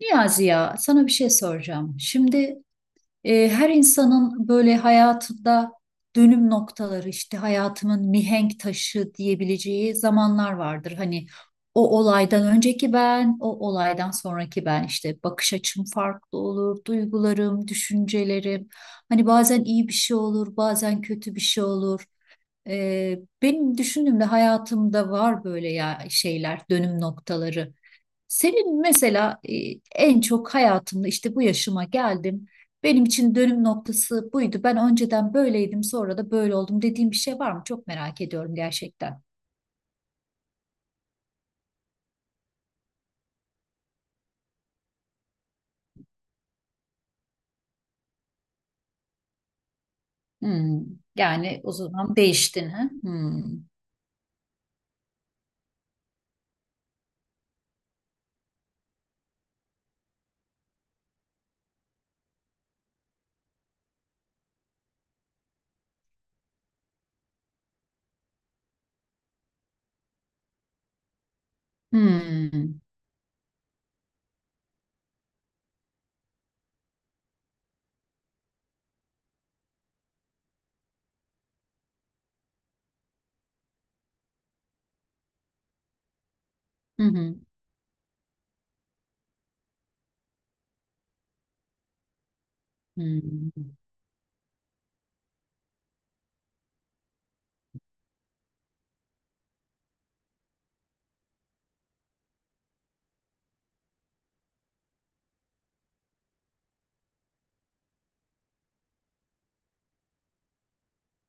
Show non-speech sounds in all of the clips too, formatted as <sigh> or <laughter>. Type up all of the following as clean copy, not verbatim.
Niyazi, ya sana bir şey soracağım. Şimdi her insanın böyle hayatında dönüm noktaları, işte hayatımın mihenk taşı diyebileceği zamanlar vardır. Hani o olaydan önceki ben, o olaydan sonraki ben, işte bakış açım farklı olur, duygularım, düşüncelerim. Hani bazen iyi bir şey olur, bazen kötü bir şey olur. Benim düşündüğümde hayatımda var böyle ya şeyler, dönüm noktaları. Senin mesela en çok hayatımda işte bu yaşıma geldim. Benim için dönüm noktası buydu. Ben önceden böyleydim, sonra da böyle oldum dediğim bir şey var mı? Çok merak ediyorum gerçekten. Hmm. Yani o zaman değiştin ha? Hmm. Hmm. Hı hı. Hmm.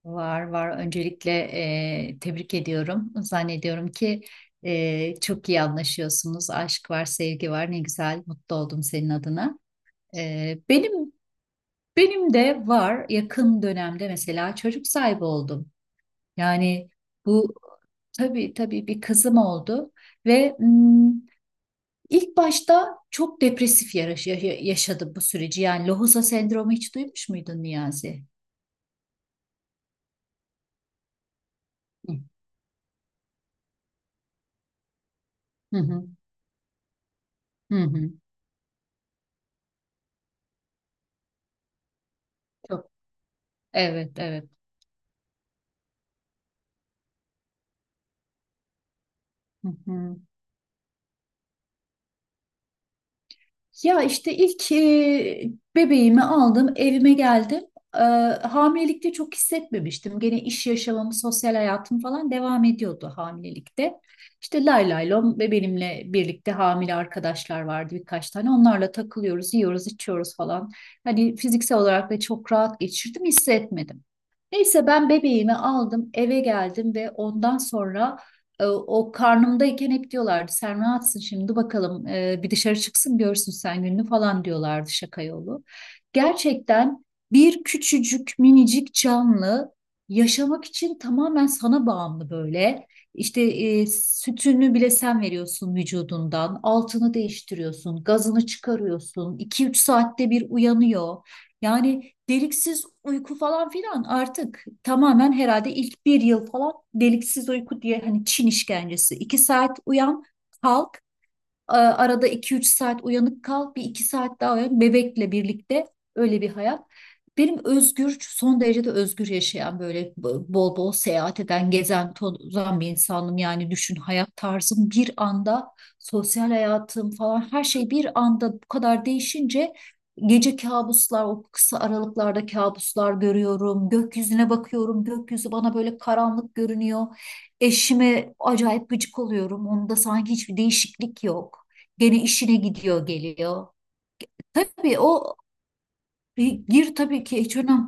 Var var. Öncelikle tebrik ediyorum. Zannediyorum ki çok iyi anlaşıyorsunuz. Aşk var, sevgi var. Ne güzel. Mutlu oldum senin adına. E, benim benim de var. Yakın dönemde mesela çocuk sahibi oldum. Yani. Bu tabii, tabii bir kızım oldu ve ilk başta çok depresif yaşadım bu süreci. Yani lohusa sendromu hiç duymuş muydun Niyazi? Hı hı hı. hı. Çok. Evet, evet. Hı hı. Ya işte ilk bebeğimi aldım, evime geldim. E, Hamilelikte çok hissetmemiştim. Gene iş yaşamım, sosyal hayatım falan devam ediyordu hamilelikte. İşte lay lay lom ve benimle birlikte hamile arkadaşlar vardı birkaç tane. Onlarla takılıyoruz, yiyoruz, içiyoruz falan. Hani fiziksel olarak da çok rahat geçirdim, hissetmedim. Neyse ben bebeğimi aldım, eve geldim ve ondan sonra o karnımdayken hep diyorlardı sen rahatsın şimdi bakalım, bir dışarı çıksın görsün sen gününü falan diyorlardı şaka yolu. Gerçekten bir küçücük minicik canlı yaşamak için tamamen sana bağımlı böyle. İşte sütünü bile sen veriyorsun vücudundan, altını değiştiriyorsun, gazını çıkarıyorsun, iki üç saatte bir uyanıyor. Yani deliksiz uyku falan filan artık tamamen herhalde ilk bir yıl falan deliksiz uyku diye hani Çin işkencesi. İki saat uyan, kalk. Arada iki üç saat uyanık kal, bir 2 saat daha uyan bebekle birlikte, öyle bir hayat. Benim özgür, son derece de özgür yaşayan böyle bol bol seyahat eden, gezen, tozan bir insanım. Yani düşün, hayat tarzım bir anda, sosyal hayatım falan her şey bir anda bu kadar değişince gece kabuslar, o kısa aralıklarda kabuslar görüyorum. Gökyüzüne bakıyorum, gökyüzü bana böyle karanlık görünüyor. Eşime acayip gıcık oluyorum. Onda sanki hiçbir değişiklik yok. Gene işine gidiyor geliyor. Tabii o bir gir tabii ki, hiç önemli.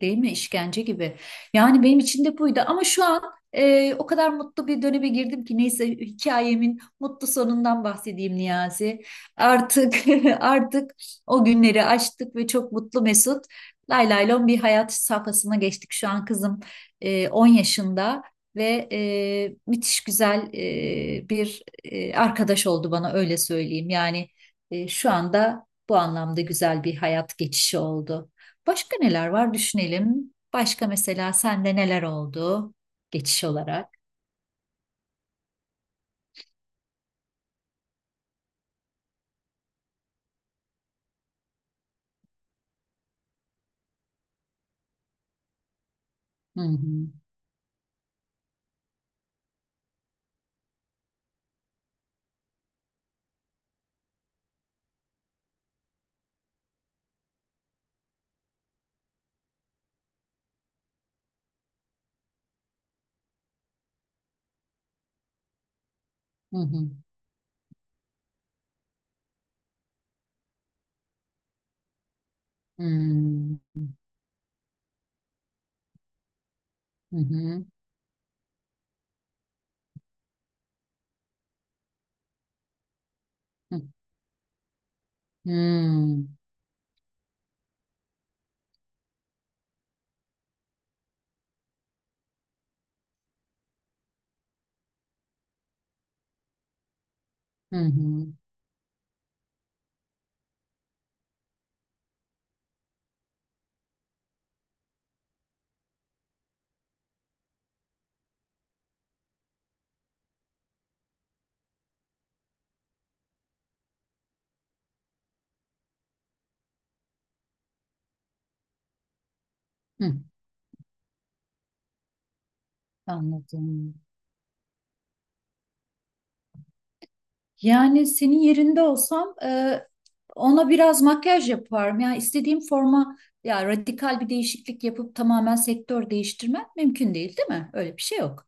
Değil mi? İşkence gibi. Yani benim için de buydu ama şu an o kadar mutlu bir döneme girdim ki, neyse hikayemin mutlu sonundan bahsedeyim Niyazi. Artık <laughs> artık o günleri aştık ve çok mutlu mesut. Lay lay lon bir hayat safhasına geçtik. Şu an kızım 10 yaşında ve müthiş güzel bir arkadaş oldu bana, öyle söyleyeyim. Yani şu anda bu anlamda güzel bir hayat geçişi oldu. Başka neler var düşünelim. Başka mesela sende neler oldu geçiş olarak? Hı hı. Hı hı. Hmm. Hı hı. Hı hı. Hı hı. Hı. Anladım. Yani senin yerinde olsam ona biraz makyaj yaparım. Yani istediğim forma, ya radikal bir değişiklik yapıp tamamen sektör değiştirmem mümkün değil, değil mi? Öyle bir şey yok.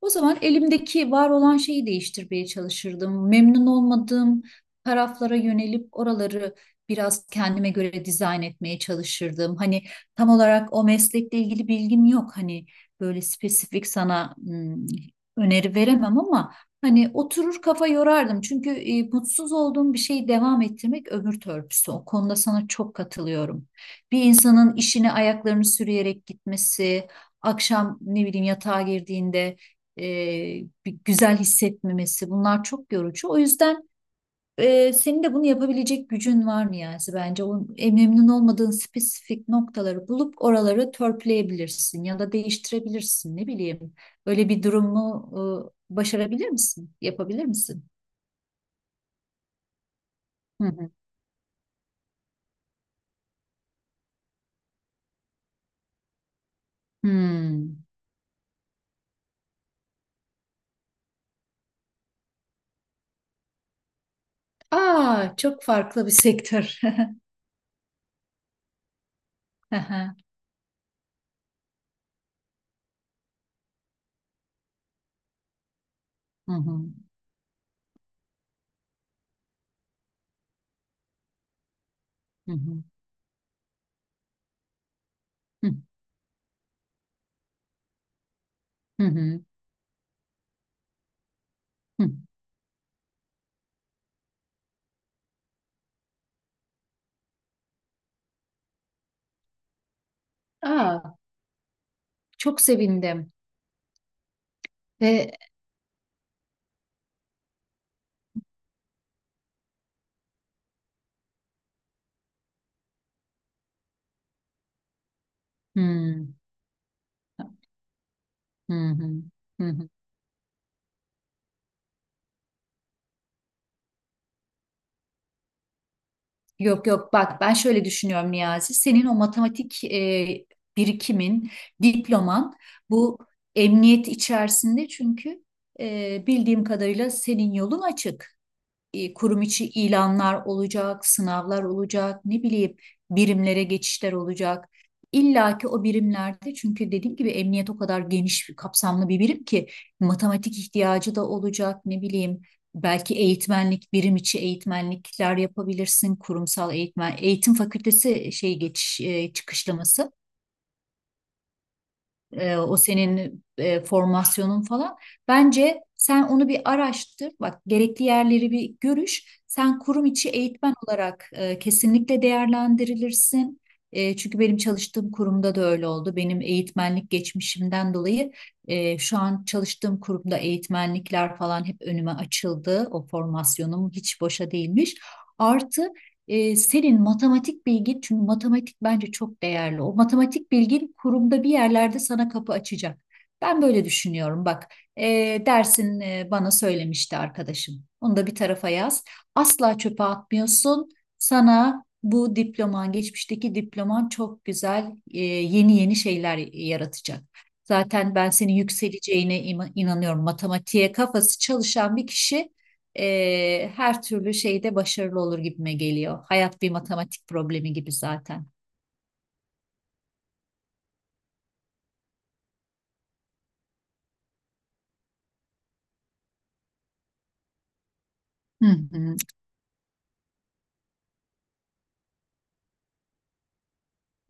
O zaman elimdeki var olan şeyi değiştirmeye çalışırdım. Memnun olmadığım taraflara yönelip oraları biraz kendime göre dizayn etmeye çalışırdım. Hani tam olarak o meslekle ilgili bilgim yok. Hani böyle spesifik sana öneri veremem ama hani oturur kafa yorardım. Çünkü mutsuz olduğum bir şeyi devam ettirmek ömür törpüsü. O konuda sana çok katılıyorum. Bir insanın işine ayaklarını sürüyerek gitmesi, akşam ne bileyim yatağa girdiğinde e, bir güzel hissetmemesi, bunlar çok yorucu. O yüzden senin de bunu yapabilecek gücün var mı yani? Bence. O memnun olmadığın spesifik noktaları bulup oraları törpüleyebilirsin ya da değiştirebilirsin, ne bileyim. Öyle bir durumu başarabilir misin? Yapabilir misin? Hı hı. Hmm. Aa, çok farklı bir sektör. <laughs> Hı hı. Hı hı. Hı hı. Hı hı. Hı. Aa, çok sevindim ve hmm. Hı hı. Hı. Yok, yok, bak, ben şöyle düşünüyorum Niyazi. Senin o matematik birikimin, diploman, bu emniyet içerisinde, çünkü bildiğim kadarıyla senin yolun açık, kurum içi ilanlar olacak, sınavlar olacak, ne bileyim birimlere geçişler olacak. İlla ki o birimlerde, çünkü dediğim gibi emniyet o kadar geniş bir kapsamlı bir birim ki matematik ihtiyacı da olacak, ne bileyim, belki eğitmenlik, birim içi eğitmenlikler yapabilirsin, kurumsal eğitmen, eğitim fakültesi şey geçiş çıkışlaması, o senin formasyonun falan. Bence sen onu bir araştır. Bak, gerekli yerleri bir görüş. Sen kurum içi eğitmen olarak kesinlikle değerlendirilirsin. Çünkü benim çalıştığım kurumda da öyle oldu. Benim eğitmenlik geçmişimden dolayı şu an çalıştığım kurumda eğitmenlikler falan hep önüme açıldı. O formasyonum hiç boşa değilmiş. Artı senin matematik bilgin, çünkü matematik bence çok değerli. O matematik bilgin kurumda bir yerlerde sana kapı açacak. Ben böyle düşünüyorum. Bak, e, dersin bana söylemişti arkadaşım. Onu da bir tarafa yaz. Asla çöpe atmıyorsun. Sana bu diploman, geçmişteki diploman çok güzel, yeni yeni şeyler yaratacak. Zaten ben senin yükseleceğine inanıyorum. Matematiğe kafası çalışan bir kişi her türlü şeyde başarılı olur gibime geliyor. Hayat bir matematik problemi gibi zaten. Hı hı.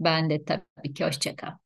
Ben de tabii ki hoşça kal.